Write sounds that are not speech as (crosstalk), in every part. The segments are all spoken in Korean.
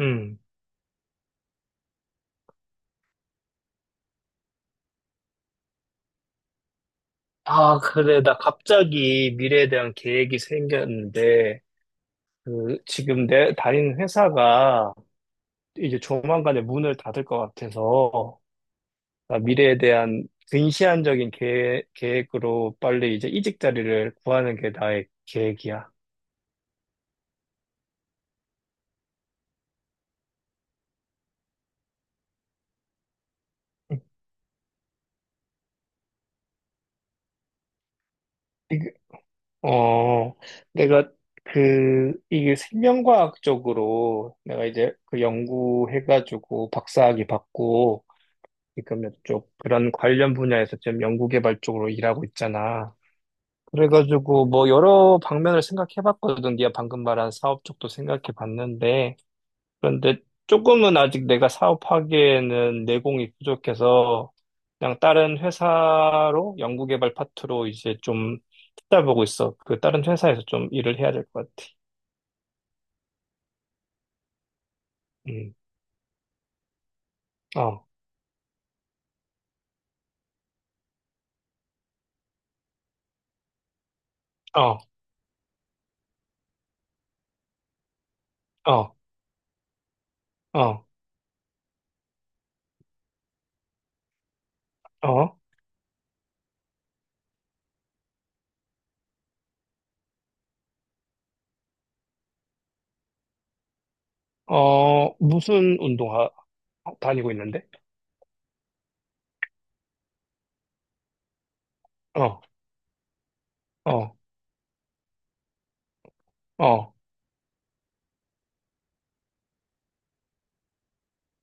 음. 아, 그래. 나 갑자기 미래에 대한 계획이 생겼는데, 그, 지금 내 다니는 회사가 이제 조만간에 문을 닫을 것 같아서, 나 미래에 대한 근시안적인 계획으로 빨리 이제 이직 자리를 구하는 게 나의 계획이야. 이게- 어, 내가 그, 이게 생명과학 적으로 내가 이제 그 연구해가지고 박사학위 받고, 지금 이쪽 그런 관련 분야에서 지금 연구개발 쪽으로 일하고 있잖아. 그래가지고 뭐 여러 방면을 생각해봤거든. 네가 방금 말한 사업 쪽도 생각해봤는데, 그런데 조금은 아직 내가 사업하기에는 내공이 부족해서 그냥 다른 회사로 연구개발 파트로 이제 좀 찾아보고 있어. 그 다른 회사에서 좀 일을 해야 될 것 같아. 음, 어, 어, 어, 어, 어, 어, 무슨 운동화 다니고 있는데? 어, 어. 어.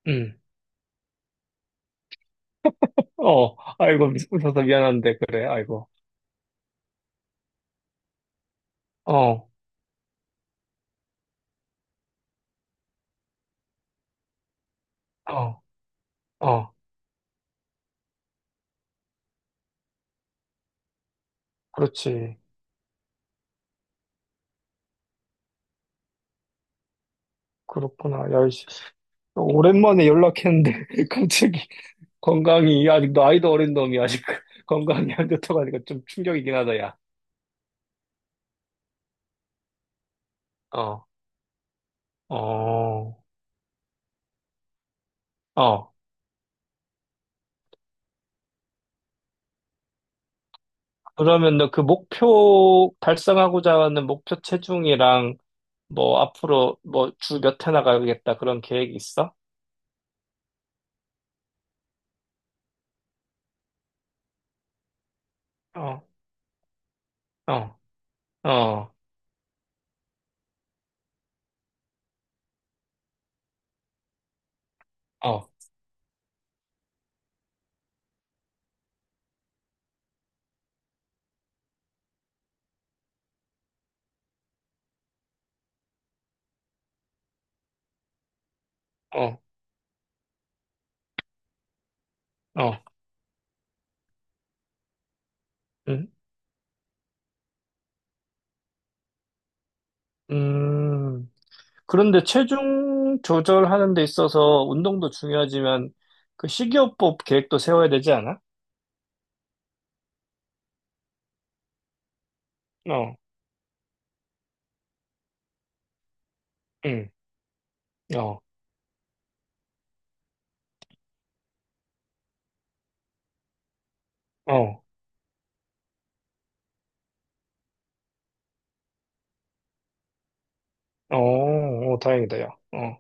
응. 어, 아이고, 웃어서 미안한데, 그래, 아이고. 어, 어, 어, 그렇지. 그렇구나. 야, 씨. 오랜만에 연락했는데, (laughs) 갑자기 건강이, 아직 나이도 어린 놈이 아직 (laughs) 건강이 안 좋다가니까 좀 충격이긴 하다, 야. 어, 어, 어. 그러면 너 그 목표, 달성하고자 하는 목표 체중이랑, 뭐, 앞으로, 뭐, 주 몇 회 나가겠다, 그런 계획이 있어? 어, 어, 어, 어, 어, 어. 응? 음, 그런데 체중 조절하는 데 있어서 운동도 중요하지만 그 식이요법 계획도 세워야 되지 않아? 어, 응, 어, 어, 어, 어, 다행이다요. 어,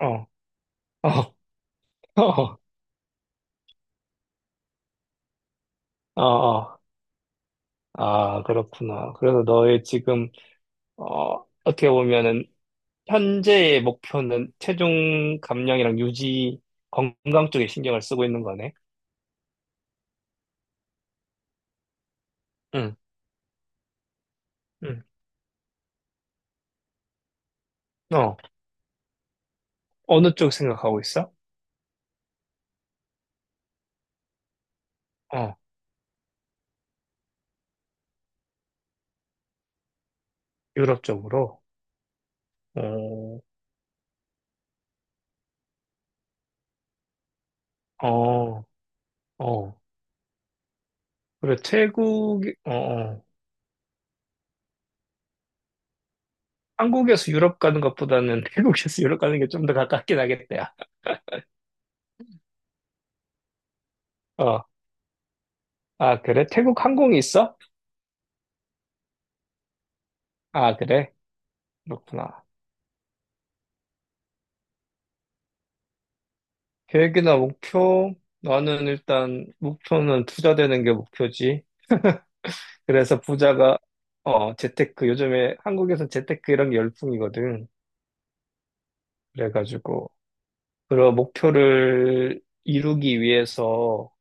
어, 어, (laughs) 어, 어, 어. 아, 그렇구나. 그래서 너의 지금, 어떻게 보면은 현재의 목표는 체중 감량이랑 유지, 건강 쪽에 신경을 쓰고 있는 거네. 응, 응. 어, 어느 쪽 생각하고 있어? 어, 유럽 쪽으로. 어, 어, 어. 그래, 태국, 어, 어. 한국에서 유럽 가는 것보다는 (laughs) 태국에서 유럽 가는 게 좀 더 가깝긴 하겠다, 야. 어, 아, 그래? 태국 항공이 있어? 아, 그래? 그렇구나. 계획이나 목표? 나는 일단 목표는 투자되는 게 목표지. 그래서 부자가, 재테크. 요즘에 한국에서 재테크 이런 게 열풍이거든. 그래가지고, 그런 목표를 이루기 위해서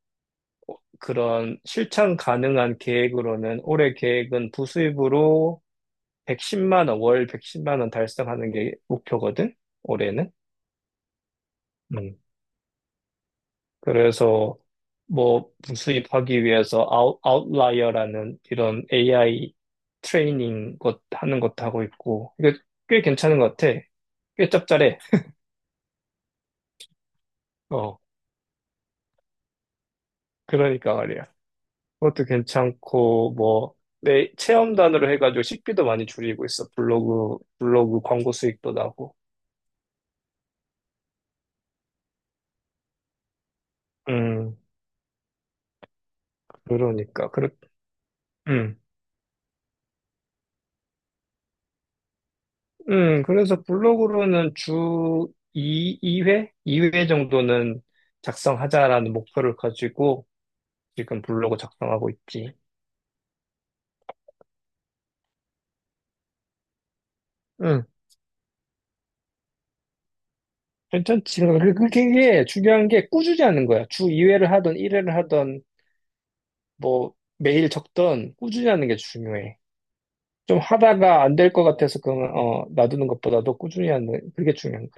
그런 실천 가능한 계획으로는 올해 계획은 부수입으로 110만 원, 월 110만 원 달성하는 게 목표거든, 올해는. 음. 그래서 뭐 부수입하기 위해서 아웃라이어라는 이런 AI 트레이닝 것 하는 것도 하고 있고, 이게 꽤 괜찮은 것 같아. 꽤 짭짤해. 어, 그러니까 말이야. 그것도 괜찮고, 뭐, 내 체험단으로 해가지고 식비도 많이 줄이고 있어. 블로그 광고 수익도 나고. 음, 그러니까. 음, 그래서 블로그로는 주 2, 이회 정도는 작성하자라는 목표를 가지고 지금 블로그 작성하고 있지. 응, 괜찮지. 그러니까 그게 중요한 게 꾸준히 하는 거야. 주 2회를 하던 1회를 하던 뭐 매일 적던 꾸준히 하는 게 중요해. 좀 하다가 안 될 것 같아서 그러면 놔두는 것보다도 꾸준히 하는 그게 중요한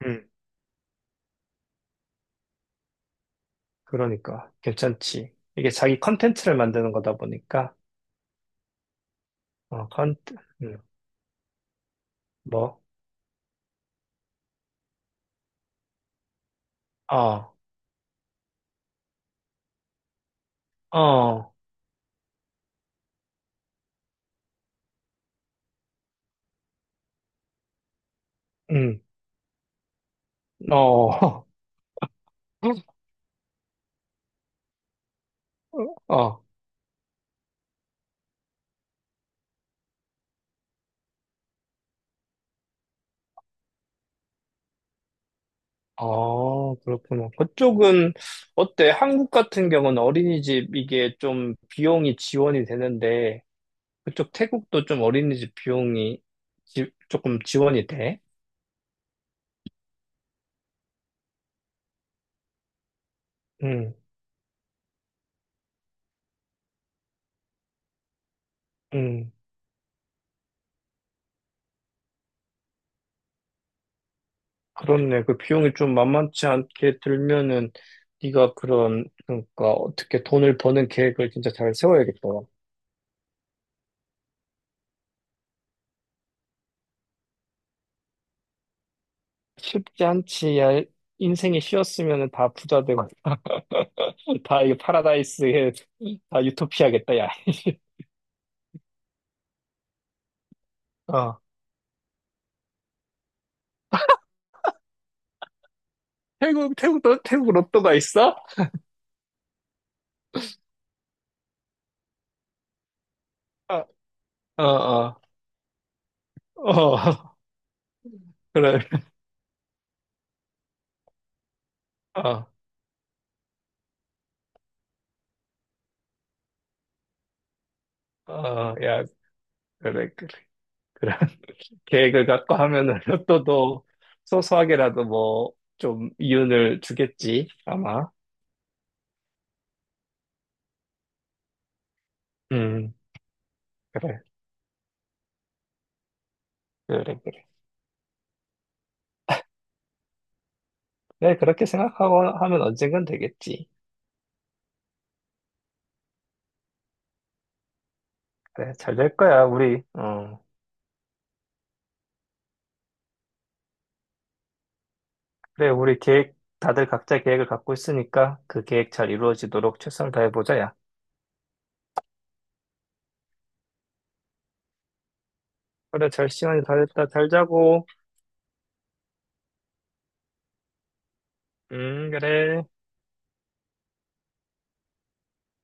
거야. 응, 그러니까. 괜찮지. 이게 자기 컨텐츠를 만드는 거다 보니까. 어, 음, 뭐, 아, 어, 음, 어, (laughs) 어, 어, 그렇구나. 그쪽은 어때? 한국 같은 경우는 어린이집 이게 좀 비용이 지원이 되는데, 그쪽 태국도 좀 어린이집 비용이 조금 지원이 돼? 응, 응, 그렇네. 그 비용이 좀 만만치 않게 들면은 네가 그런, 그러니까 어떻게 돈을 버는 계획을 진짜 잘 세워야겠다. 쉽지 않지. 야, 인생이 쉬웠으면 다 부자 되고, (laughs) 다 이거 파라다이스에, 다 유토피아겠다, 야. (laughs) 어. 태국 로또가 있어? 어, 어, 어, 어, (laughs) 그래. 어, 어, 야, 그래, 그래. 그래. (laughs) 계획을 갖고 하면은 로또도 소소하게라도 뭐, 좀 이윤을 주겠지, 아마. 음, 그래, 그래, 그래. 네, 그렇게 생각하고 하면 언젠간 되겠지. 그래, 잘 될 거야, 우리. 어. 그래, 우리 계획, 다들 각자 계획을 갖고 있으니까 그 계획 잘 이루어지도록 최선을 다해보자, 야. 그래, 잘 시간이 다 됐다. 잘 자고. 그래.